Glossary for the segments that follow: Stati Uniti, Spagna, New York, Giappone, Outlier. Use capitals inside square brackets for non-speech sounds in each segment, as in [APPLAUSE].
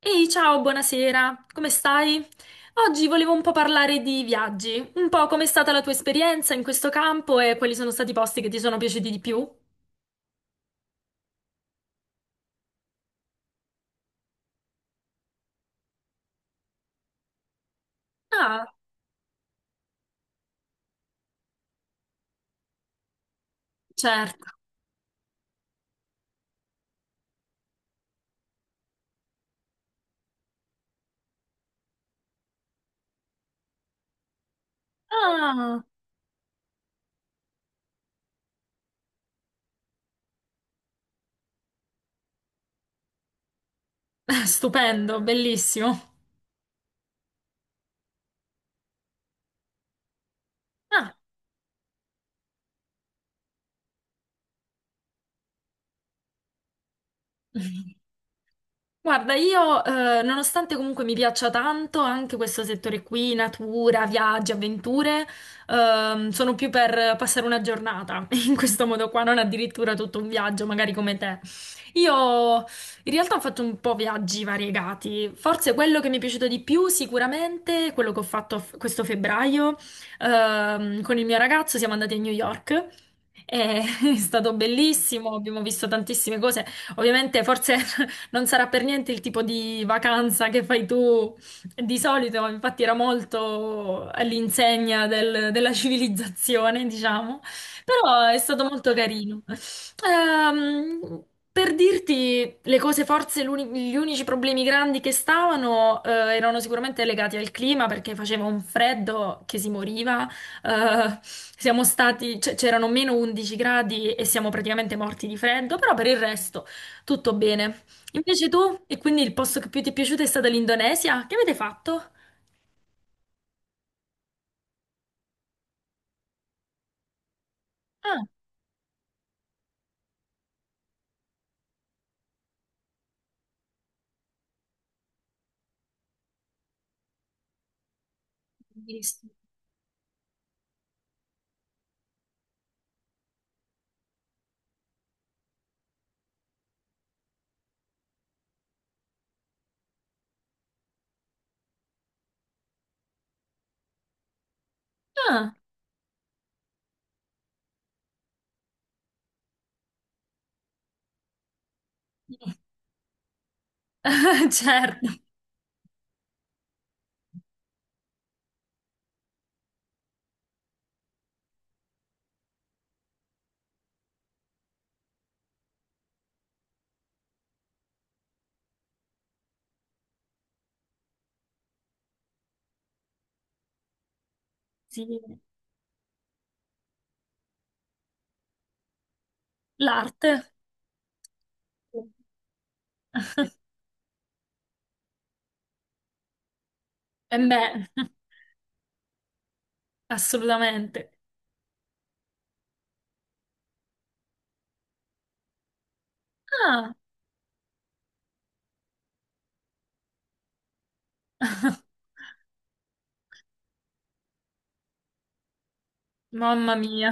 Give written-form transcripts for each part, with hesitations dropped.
Ehi, ciao, buonasera, come stai? Oggi volevo un po' parlare di viaggi, un po' com'è stata la tua esperienza in questo campo e quali sono stati i posti che ti sono piaciuti di più? Ah, certo. Ah, [LAUGHS] stupendo, bellissimo. Ah. [LAUGHS] Guarda, io, nonostante comunque mi piaccia tanto anche questo settore qui, natura, viaggi, avventure, sono più per passare una giornata [LAUGHS] in questo modo qua, non addirittura tutto un viaggio, magari come te. Io in realtà ho fatto un po' viaggi variegati, forse quello che mi è piaciuto di più sicuramente è quello che ho fatto questo febbraio con il mio ragazzo, siamo andati a New York. E [LAUGHS] è stato bellissimo, abbiamo visto tantissime cose. Ovviamente, forse [LAUGHS] non sarà per niente il tipo di vacanza che fai tu di solito, infatti, era molto all'insegna della civilizzazione, diciamo, però è stato molto carino. Ehm, per dirti le cose, forse gli unici problemi grandi che stavano erano sicuramente legati al clima perché faceva un freddo che si moriva. Siamo stati, c'erano meno 11 gradi e siamo praticamente morti di freddo, però per il resto tutto bene. Invece tu, e quindi il posto che più ti è piaciuto è stata l'Indonesia? Che avete fatto? Ah, bellissimo. Ah, sì. [LAUGHS] Certo, sì, l'arte. E beh. Assolutamente. Ah, [LAUGHS] mamma mia.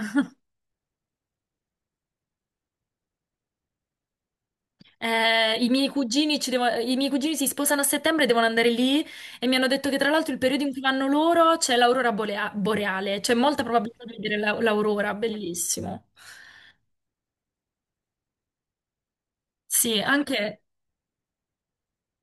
I miei cugini i miei cugini si sposano a settembre, e devono andare lì e mi hanno detto che tra l'altro il periodo in cui vanno loro c'è l'aurora boreale, c'è molta probabilità di vedere l'aurora, bellissimo. Sì, anche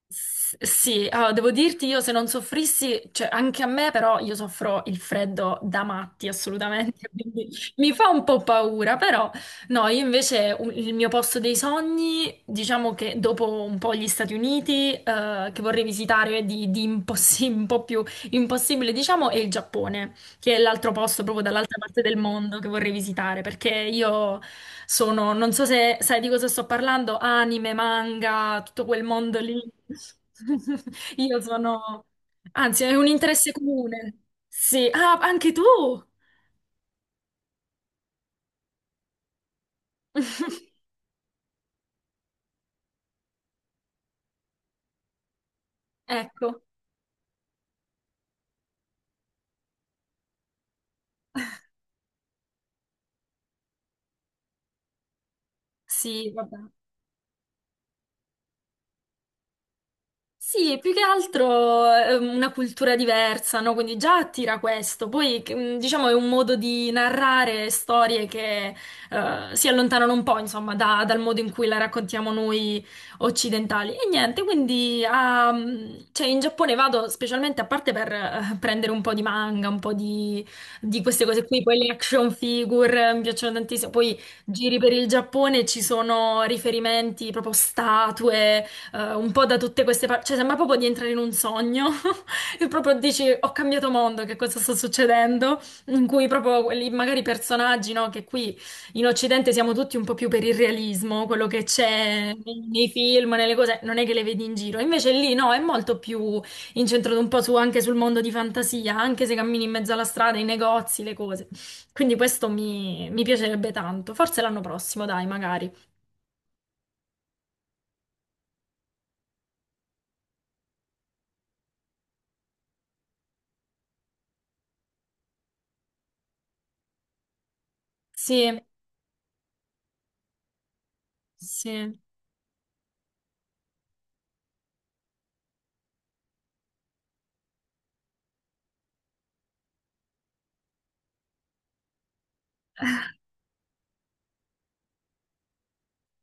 Sì, allora, devo dirti io se non soffrissi, cioè anche a me però io soffro il freddo da matti assolutamente, [LAUGHS] quindi mi fa un po' paura, però no, io invece il mio posto dei sogni, diciamo che dopo un po' gli Stati Uniti, che vorrei visitare di [LAUGHS] un po' più impossibile, diciamo, è il Giappone che è l'altro posto proprio dall'altra parte del mondo che vorrei visitare, perché io sono, non so se sai di cosa sto parlando, anime, manga, tutto quel mondo lì. [LAUGHS] Io sono, anzi, è un interesse comune. Sì, ah, anche tu. [LAUGHS] Ecco, sì, vabbè. Sì, più che altro è una cultura diversa, no? Quindi già attira questo. Poi, che, diciamo, è un modo di narrare storie che si allontanano un po', insomma, dal modo in cui la raccontiamo noi occidentali. E niente, quindi ah, cioè, in Giappone vado specialmente a parte per prendere un po' di manga, un po' di queste cose qui. Poi le action figure mi piacciono tantissimo. Poi giri per il Giappone, ci sono riferimenti, proprio statue un po' da tutte queste parti, cioè sembra proprio di entrare in un sogno [LAUGHS] e proprio dici ho cambiato mondo, che cosa sta succedendo? In cui proprio quelli magari personaggi, no? Che qui in Occidente siamo tutti un po' più per il realismo, quello che c'è nei, nei film, nelle cose, non è che le vedi in giro. Invece lì no, è molto più incentrato un po' anche sul mondo di fantasia, anche se cammini in mezzo alla strada, i negozi, le cose. Quindi questo mi piacerebbe tanto. Forse l'anno prossimo, dai, magari. Sì, sì.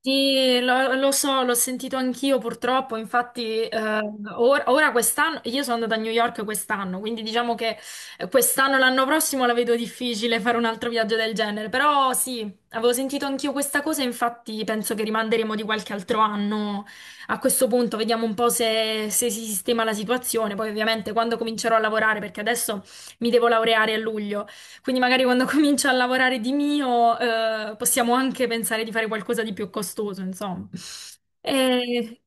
Sì, lo so, l'ho sentito anch'io purtroppo, infatti ora quest'anno, io sono andata a New York quest'anno, quindi diciamo che quest'anno, l'anno prossimo la vedo difficile fare un altro viaggio del genere, però sì, avevo sentito anch'io questa cosa, infatti penso che rimanderemo di qualche altro anno a questo punto, vediamo un po' se, se si sistema la situazione, poi ovviamente quando comincerò a lavorare, perché adesso mi devo laureare a luglio. Quindi magari quando [LAUGHS] comincio a lavorare di mio, possiamo anche pensare di fare qualcosa di più costoso, insomma. E-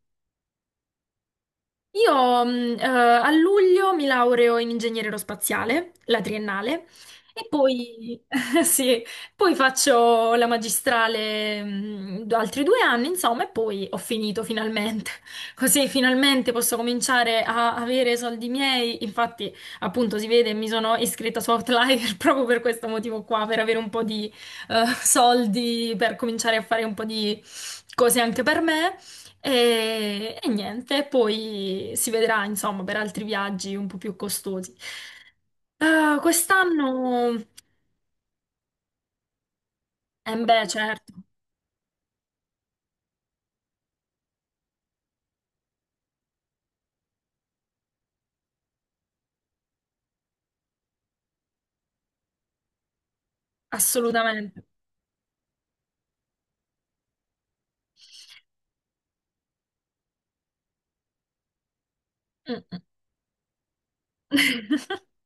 io a luglio mi laureo in ingegneria aerospaziale, la triennale, e poi, [LAUGHS] sì, poi faccio la magistrale altri due anni, insomma, e poi ho finito finalmente. [LAUGHS] Così finalmente posso cominciare a avere soldi miei. Infatti, appunto, si vede, mi sono iscritta su Outlier [LAUGHS] proprio per questo motivo qua, per avere un po' di soldi, per cominciare a fare un po' di cose anche per me. E niente, poi si vedrà, insomma, per altri viaggi un po' più costosi. Quest'anno, eh beh, certo, assolutamente. Mm, mm. [LAUGHS]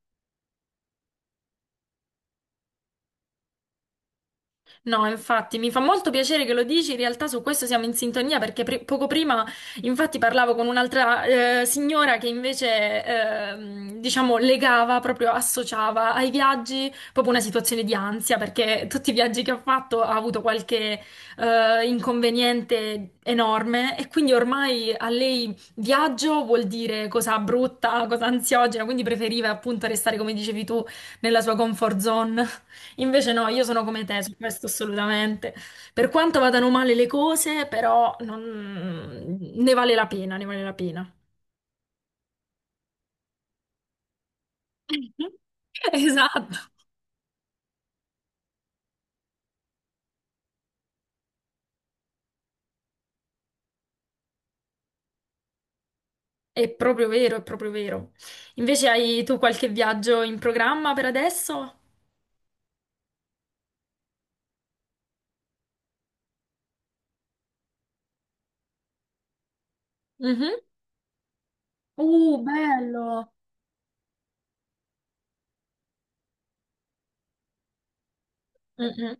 No, infatti, mi fa molto piacere che lo dici, in realtà su questo siamo in sintonia perché poco prima infatti parlavo con un'altra signora che invece diciamo legava, proprio associava ai viaggi proprio una situazione di ansia perché tutti i viaggi che ha fatto ha avuto qualche inconveniente enorme e quindi ormai a lei viaggio vuol dire cosa brutta, cosa ansiogena, quindi preferiva appunto restare come dicevi tu nella sua comfort zone. Invece no, io sono come te su questo assolutamente. Per quanto vadano male le cose, però ne vale la pena, ne vale la pena. [LAUGHS] Esatto. È proprio vero, è proprio vero. Invece hai tu qualche viaggio in programma per adesso? Mhm. Bello. Mhm.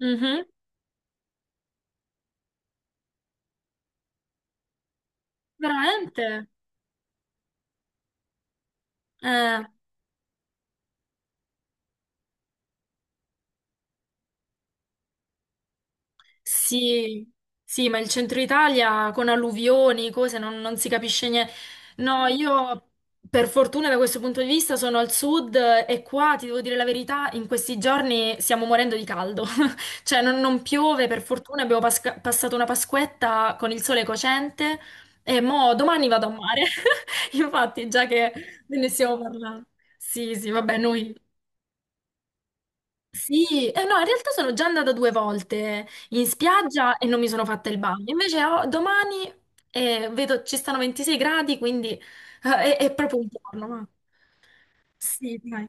Mhm. Veramente? Eh. Sì, sì, ma il centro Italia con alluvioni, cose, non, non si capisce niente. No, io per fortuna da questo punto di vista sono al sud e qua, ti devo dire la verità, in questi giorni stiamo morendo di caldo. [LAUGHS] Cioè non, non piove, per fortuna abbiamo passato una Pasquetta con il sole cocente e mo domani vado a mare. [LAUGHS] Infatti, già che ne stiamo parlando. Sì, sì, vabbè, noi... Sì, no, in realtà sono già andata due volte in spiaggia e non mi sono fatta il bagno. Invece domani vedo ci stanno 26 gradi, quindi è proprio un giorno. Ma... Sì, dai.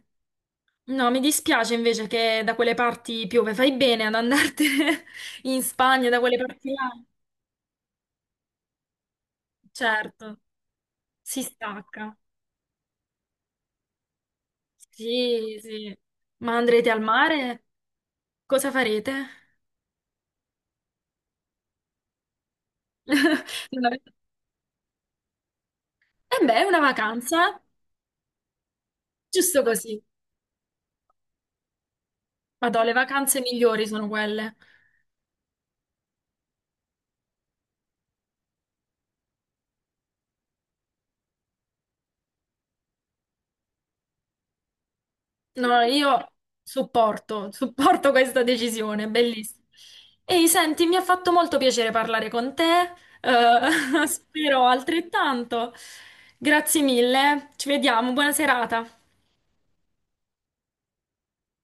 No, mi dispiace invece che da quelle parti piove. Fai bene ad andartene [LAUGHS] in Spagna, da quelle parti là. Certo, si stacca. Sì, sì. Ma andrete al mare? Cosa farete? [LAUGHS] Non avete... Eh beh, è una vacanza, giusto così. Madò, le vacanze migliori sono quelle. No, io supporto, [LAUGHS] supporto questa decisione, bellissima. Ehi, senti, mi ha fatto molto piacere parlare con te, [LAUGHS] spero altrettanto. Grazie mille, ci vediamo, buona serata.